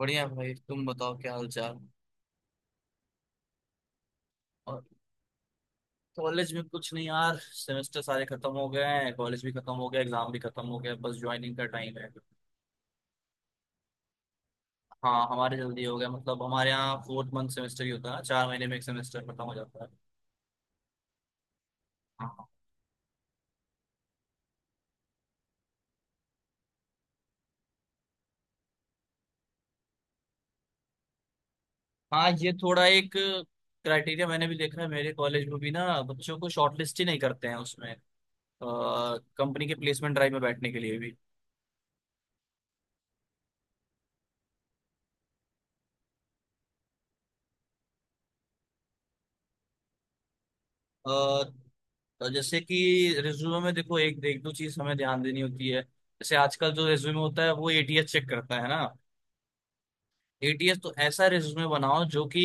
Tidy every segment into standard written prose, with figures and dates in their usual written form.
बढ़िया भाई, तुम बताओ क्या हाल चाल। और कॉलेज में कुछ नहीं यार, सेमेस्टर सारे खत्म हो गए हैं। कॉलेज भी खत्म हो गया, एग्जाम भी खत्म हो गया, बस ज्वाइनिंग का टाइम है। हाँ, हमारे जल्दी हो गया, मतलब हमारे यहाँ फोर्थ मंथ सेमेस्टर ही होता है, चार महीने में एक सेमेस्टर खत्म हो जाता है। हाँ, हाँ। हाँ, ये थोड़ा एक क्राइटेरिया मैंने भी देखा है, मेरे कॉलेज में भी ना बच्चों को शॉर्टलिस्ट ही नहीं करते हैं उसमें, कंपनी के प्लेसमेंट ड्राइव में बैठने के लिए भी। अ, तो जैसे कि रिज्यूमे में देखो, एक एक दो चीज हमें ध्यान देनी होती है। जैसे आजकल जो रिज्यूमे होता है वो एटीएस चेक करता है ना। एटीएस तो ऐसा रिज्यूमे बनाओ जो कि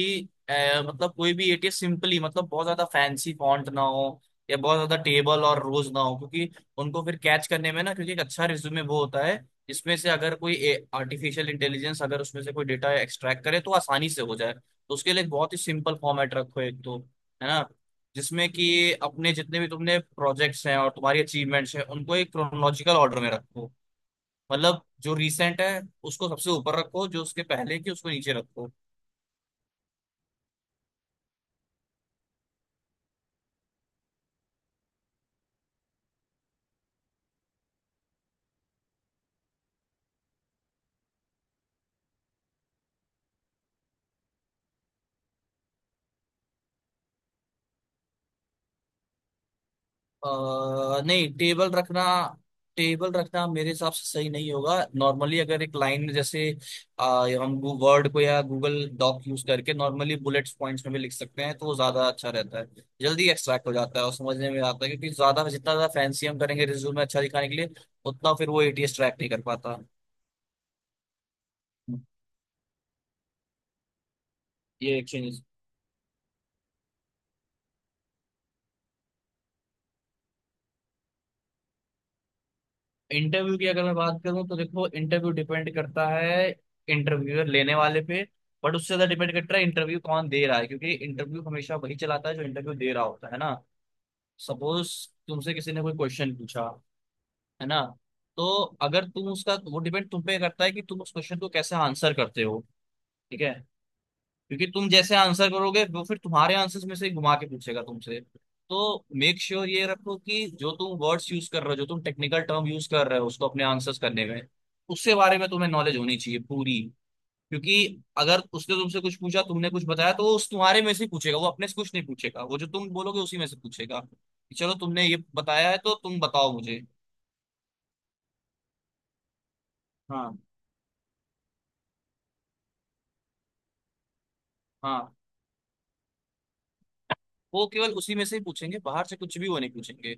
अ, मतलब कोई भी एटीएस सिंपली, मतलब बहुत ज्यादा फैंसी फॉन्ट ना हो या बहुत ज्यादा टेबल और रोज ना हो, क्योंकि उनको फिर कैच करने में ना। क्योंकि एक अच्छा रिज्यूमे वो होता है जिसमें से अगर कोई आर्टिफिशियल इंटेलिजेंस अगर उसमें से कोई डेटा एक्सट्रैक्ट करे तो आसानी से हो जाए। तो उसके लिए एक बहुत ही सिंपल फॉर्मेट रखो एक तो, है ना, जिसमें कि अपने जितने भी तुमने प्रोजेक्ट्स हैं और तुम्हारी अचीवमेंट्स हैं उनको एक क्रोनोलॉजिकल ऑर्डर में रखो। मतलब जो रिसेंट है उसको सबसे ऊपर रखो, जो उसके पहले की उसको नीचे रखो। नहीं, टेबल रखना, टेबल रखना मेरे हिसाब से सही नहीं होगा। नॉर्मली अगर एक लाइन में जैसे अ, हम वर्ड को या गूगल डॉक यूज करके नॉर्मली बुलेट्स पॉइंट्स में भी लिख सकते हैं तो वो ज्यादा अच्छा रहता है। जल्दी एक्सट्रैक्ट हो जाता है और समझने में आता है, क्योंकि ज्यादा, जितना ज्यादा फैंसी हम करेंगे रिज्यूम में अच्छा दिखाने के लिए उतना फिर वो एटीएस ट्रैक नहीं कर पाता। ये एक चीज। इंटरव्यू की अगर मैं बात करूं तो देखो, इंटरव्यू डिपेंड करता है इंटरव्यूअर लेने वाले पे, बट उससे ज्यादा डिपेंड करता है इंटरव्यू कौन दे रहा है, क्योंकि इंटरव्यू हमेशा वही चलाता है जो इंटरव्यू दे रहा होता है ना। सपोज तुमसे किसी ने कोई क्वेश्चन पूछा, है ना, तो अगर तुम उसका, वो डिपेंड तुम पे करता है कि तुम उस क्वेश्चन को कैसे आंसर करते हो। ठीक है। क्योंकि तुम जैसे आंसर करोगे वो फिर तुम्हारे आंसर्स में से ही घुमा के पूछेगा तुमसे। तो मेक श्योर ये रखो कि जो तुम वर्ड्स यूज कर रहे हो, जो तुम टेक्निकल टर्म यूज कर रहे हो उसको अपने आंसर्स करने में, उससे बारे में तुम्हें नॉलेज होनी चाहिए पूरी। क्योंकि अगर उसने तुमसे कुछ पूछा, तुमने कुछ बताया, तो वो उस तुम्हारे में से ही पूछेगा, वो अपने से कुछ नहीं पूछेगा। वो जो तुम बोलोगे उसी में से पूछेगा कि चलो तुमने ये बताया है तो तुम बताओ मुझे। हाँ, हाँ। वो केवल उसी में से ही पूछेंगे, बाहर से कुछ भी वो नहीं पूछेंगे।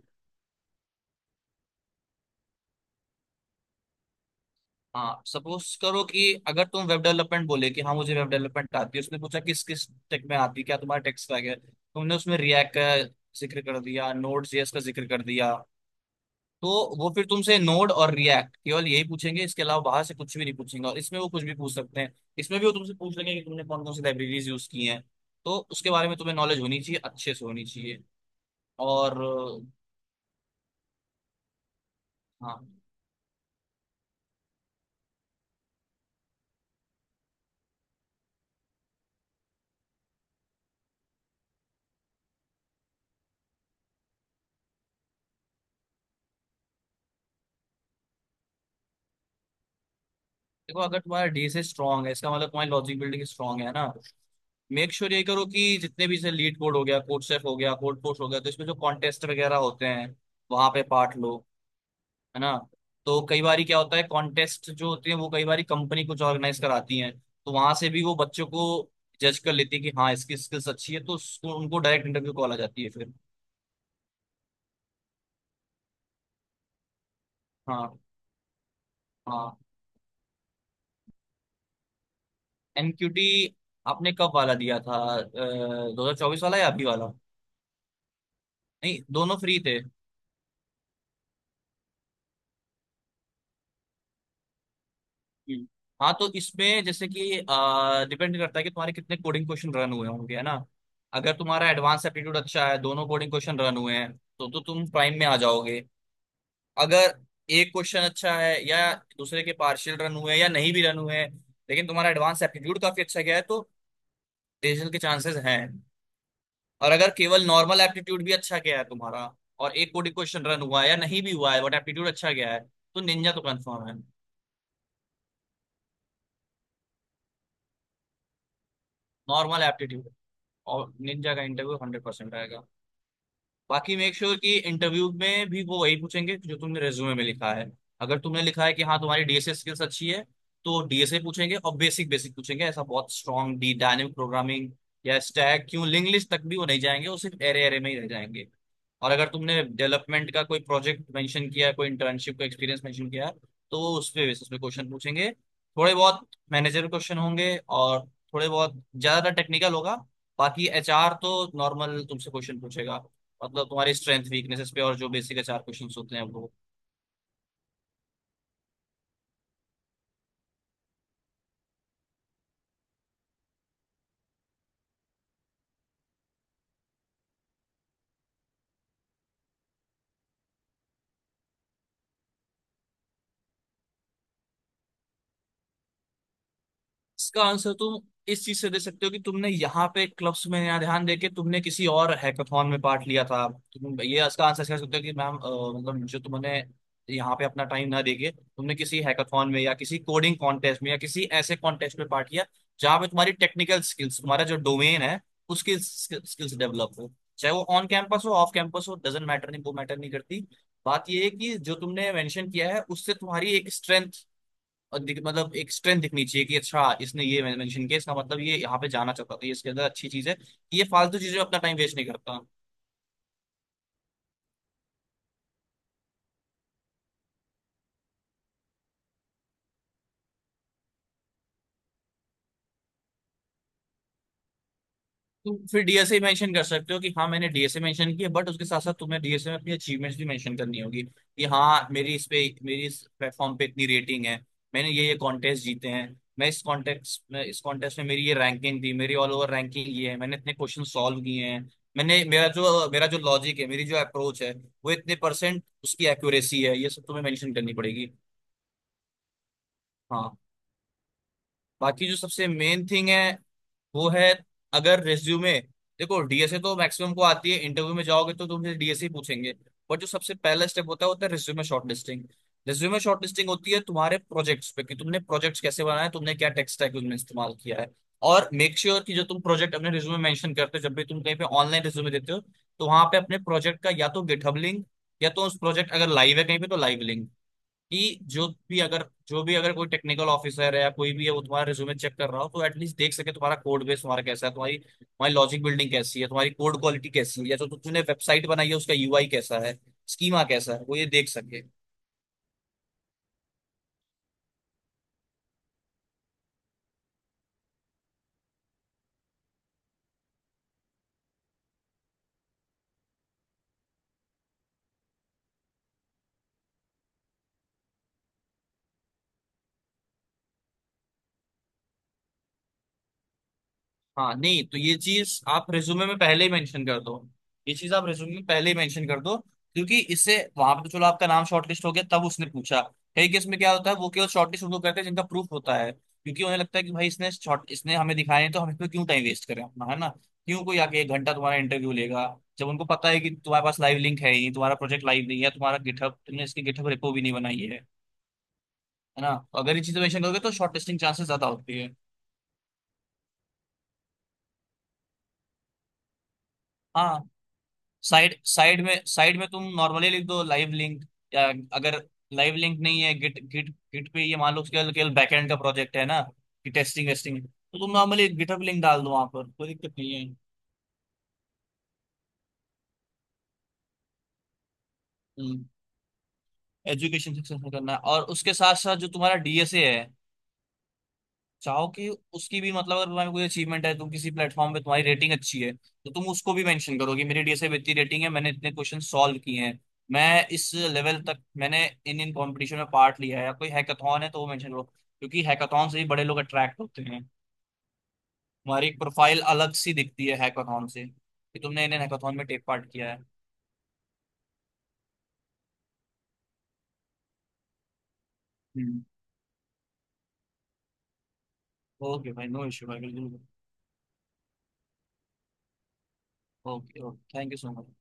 हाँ, सपोज करो कि अगर तुम वेब डेवलपमेंट बोले कि हाँ मुझे वेब डेवलपमेंट आती है, उसने पूछा किस किस टेक में आती है, क्या तुम्हारा टेक स्टैक है, तुमने उसमें रिएक्ट का जिक्र कर दिया, नोड जेएस का जिक्र कर दिया, तो वो फिर तुमसे नोड और रिएक्ट केवल यही पूछेंगे, इसके अलावा बाहर से कुछ भी नहीं पूछेंगे। और इसमें वो कुछ भी पूछ सकते हैं। इसमें भी वो तुमसे पूछ लेंगे कि तुमने कौन कौन सी लाइब्रेरीज यूज की हैं। तो उसके बारे में तुम्हें नॉलेज होनी चाहिए, अच्छे से होनी चाहिए। और हाँ, देखो अगर तुम्हारा डीएसए स्ट्रांग है, इसका मतलब तुम्हारी लॉजिक बिल्डिंग स्ट्रांग है ना। मेक श्योर ये करो कि जितने भी से लीड कोड हो गया, कोड सेफ हो गया, कोड पोस्ट हो गया, तो इसमें जो कॉन्टेस्ट वगैरह होते हैं, वहां पे पार्ट लो, है ना। तो कई बार क्या होता है, कॉन्टेस्ट जो होते हैं वो कई बार कंपनी कुछ ऑर्गेनाइज कराती है, तो वहां से भी वो बच्चों को जज कर लेती है कि हाँ इसकी स्किल्स अच्छी है, तो उसको, उनको डायरेक्ट इंटरव्यू कॉल आ जाती है फिर। हाँ, हाँ। एनक्यूटी आपने कब वाला दिया था, 2024 वाला या अभी वाला? नहीं, दोनों फ्री थे। हम्म। हाँ, तो इसमें जैसे कि डिपेंड करता है कि तुम्हारे कितने कोडिंग क्वेश्चन रन हुए होंगे, है ना। अगर तुम्हारा एडवांस एप्टीट्यूड अच्छा है, दोनों कोडिंग क्वेश्चन रन हुए हैं, तो तुम प्राइम में आ जाओगे। अगर एक क्वेश्चन अच्छा है या दूसरे के पार्शियल रन हुए हैं या नहीं भी रन हुए हैं, लेकिन तुम्हारा एडवांस एप्टीट्यूड काफी अच्छा गया है, तो डिसीजन के चांसेस हैं। और अगर केवल नॉर्मल एप्टीट्यूड भी अच्छा गया है तुम्हारा, और एक कोडिंग क्वेश्चन रन हुआ है या नहीं भी हुआ है बट एप्टीट्यूड अच्छा गया है, तो निंजा तो कंफर्म है। नॉर्मल एप्टीट्यूड और निंजा का इंटरव्यू 100% आएगा। बाकी मेक श्योर कि इंटरव्यू में भी वो वही पूछेंगे जो तुमने रेज्यूमे में लिखा है। अगर तुमने लिखा है कि हाँ तुम्हारी डीएसए स्किल्स अच्छी है, तो डीएसए पूछेंगे और बेसिक बेसिक पूछेंगे, ऐसा बहुत स्ट्रॉन्ग डी डायनेमिक प्रोग्रामिंग या स्टैक क्यों, लिंक लिस्ट तक भी वो नहीं जाएंगे, वो सिर्फ एरे एरे में ही रह जाएंगे। और अगर तुमने डेवलपमेंट का कोई प्रोजेक्ट मेंशन किया है, कोई इंटर्नशिप का एक्सपीरियंस मेंशन किया है, तो वो उस पे बेसिस पे क्वेश्चन पूछेंगे। थोड़े बहुत मैनेजर क्वेश्चन होंगे और थोड़े बहुत, ज्यादातर टेक्निकल होगा। बाकी एचआर तो नॉर्मल तुमसे क्वेश्चन पूछेगा, मतलब तुम्हारी स्ट्रेंथ वीकनेसेस पे, और जो बेसिक चार क्वेश्चंस होते हैं वो। इसका आंसर तुम इस चीज से दे सकते हो कि तुमने यहाँ पे क्लब्स में यहाँ ध्यान देके तुमने किसी और हैकाथॉन में पार्ट लिया था। तुम ये इसका आंसर कह सकते हो कि मैम, मतलब जो तुमने यहाँ पे अपना टाइम ना देके तुमने किसी हैकाथॉन में या किसी कोडिंग कॉन्टेस्ट में या किसी ऐसे कॉन्टेस्ट में पार्ट लिया जहाँ पे तुम्हारी टेक्निकल स्किल्स, तुम्हारा जो डोमेन है उसकी स्किल्स डेवलप हो। चाहे वो ऑन कैंपस हो, ऑफ कैंपस हो, डजेंट मैटर, नहीं वो मैटर नहीं करती। बात ये है कि जो तुमने मेंशन किया है उससे तुम्हारी एक स्ट्रेंथ मतलब एक स्ट्रेंथ दिखनी चाहिए कि अच्छा, इसने ये मेंशन किया, इसका मतलब ये यहाँ पे जाना चाहता था, ये इसके अंदर अच्छी चीज है, ये फालतू चीजों में अपना टाइम वेस्ट नहीं करता। तुम फिर डीएसए मेंशन कर सकते हो कि हाँ मैंने डीएसए मेंशन किया, बट उसके साथ साथ तुम्हें डीएसए में अपनी अचीवमेंट्स भी मेंशन करनी होगी। कि हाँ मेरी इस प्लेटफॉर्म पे इतनी रेटिंग है, मैंने ये कॉन्टेस्ट जीते हैं, मैं इस कॉन्टेस्ट में, इस कॉन्टेस्ट में मेरी ये रैंकिंग थी, मेरी ऑल ओवर रैंकिंग ये है, मैंने इतने क्वेश्चन सॉल्व किए हैं, मैंने मेरा जो लॉजिक है, मेरी जो अप्रोच है, वो इतने परसेंट उसकी एक्यूरेसी है, ये सब तुम्हें मेंशन करनी पड़ेगी। हाँ। बाकी जो सबसे मेन थिंग है वो है, अगर रेज्यूमे, देखो डीएसए तो मैक्सिमम को आती है, इंटरव्यू में जाओगे तो तुमसे डीएसए पूछेंगे, बट जो सबसे पहला स्टेप होता है रेज्यूमे शॉर्टलिस्टिंग। रेज्यूमे शॉर्टलिस्टिंग होती है तुम्हारे प्रोजेक्ट्स पे, कि तुमने प्रोजेक्ट्स कैसे बनाए, तुमने क्या टेक स्टैक उनमें इस्तेमाल किया है। और मेक श्योर कि जो तुम प्रोजेक्ट अपने रिज्यूमे मेंशन करते हो, जब भी तुम कहीं पे ऑनलाइन रिज्यूमे देते हो, तो वहां पे अपने प्रोजेक्ट का या तो गिटहब लिंक या तो उस प्रोजेक्ट अगर लाइव है कहीं पे तो लाइव लिंक, कि जो भी अगर कोई टेक्निकल ऑफिसर है या कोई भी है, वो तुम्हारा रिज्यूमे चेक कर रहा हो तो एटलीस्ट देख सके तुम्हारा कोड बेस तुम्हारा कैसा है, तुम्हारी तुम्हारी लॉजिक बिल्डिंग कैसी है, तुम्हारी कोड क्वालिटी कैसी है, या जो तुमने वेबसाइट बनाई है उसका यूआई कैसा है, स्कीमा कैसा है, वो ये देख सके। हाँ, नहीं तो ये चीज आप रिज्यूमे में पहले ही मेंशन कर दो। ये चीज आप रिज्यूमे में पहले ही मेंशन कर दो क्योंकि इससे वहां पे तो चलो आपका नाम शॉर्टलिस्ट हो गया, तब उसने पूछा। कई केस में क्या होता है, वो केवल शॉर्टलिस्ट उनको करते हैं जिनका प्रूफ होता है। क्योंकि उन्हें लगता है कि भाई इसने शॉर्ट, इसने हमें दिखाए हैं, तो हम इसमें क्यों टाइम वेस्ट करें अपना, है ना। क्यों कोई आके एक घंटा तुम्हारा इंटरव्यू लेगा जब उनको पता है कि तुम्हारे पास लाइव लिंक है ही नहीं, तुम्हारा प्रोजेक्ट लाइव नहीं है, तुम्हारा गिटहब, तुमने इसकी गिटहब रेपो भी नहीं बनाई है ना। तो अगर ये चीजें मेंशन करोगे तो शॉर्टलिस्टिंग चांसेस ज्यादा होती है। हाँ, साइड साइड में, तुम नॉर्मली लिख दो लाइव लिंक, या अगर लाइव लिंक नहीं है, गिट गिट गिट पे, ये मान लो केवल केवल बैकएंड का प्रोजेक्ट है ना, कि टेस्टिंग वेस्टिंग, तो तुम नॉर्मली गिटहब लिंक डाल दो वहां पर कोई दिक्कत नहीं है। एजुकेशन सक्सेस करना है, और उसके साथ साथ जो तुम्हारा डीएसए है, चाहो कि उसकी भी, मतलब अगर तुम्हारी कोई अचीवमेंट है, तुम किसी प्लेटफॉर्म पे तुम्हारी रेटिंग अच्छी है, तो तुम उसको भी मेंशन करो कि मेरी डीएसए इतनी रेटिंग है, मैंने इतने क्वेश्चन सॉल्व किए हैं, मैं इस लेवल तक, मैंने इन इन कॉम्पिटिशन में पार्ट लिया है, या कोई हैकाथॉन है तो वो मेंशन करो क्योंकि हैकाथॉन से ही बड़े लोग अट्रैक्ट होते हैं। तुम्हारी एक प्रोफाइल अलग सी दिखती है हैकाथॉन से, कि तुमने इन इन हैकाथॉन में टेक पार्ट किया है। ओके भाई, नो इश्यू भाई, बिल्कुल। Okay, okay, thank you so much.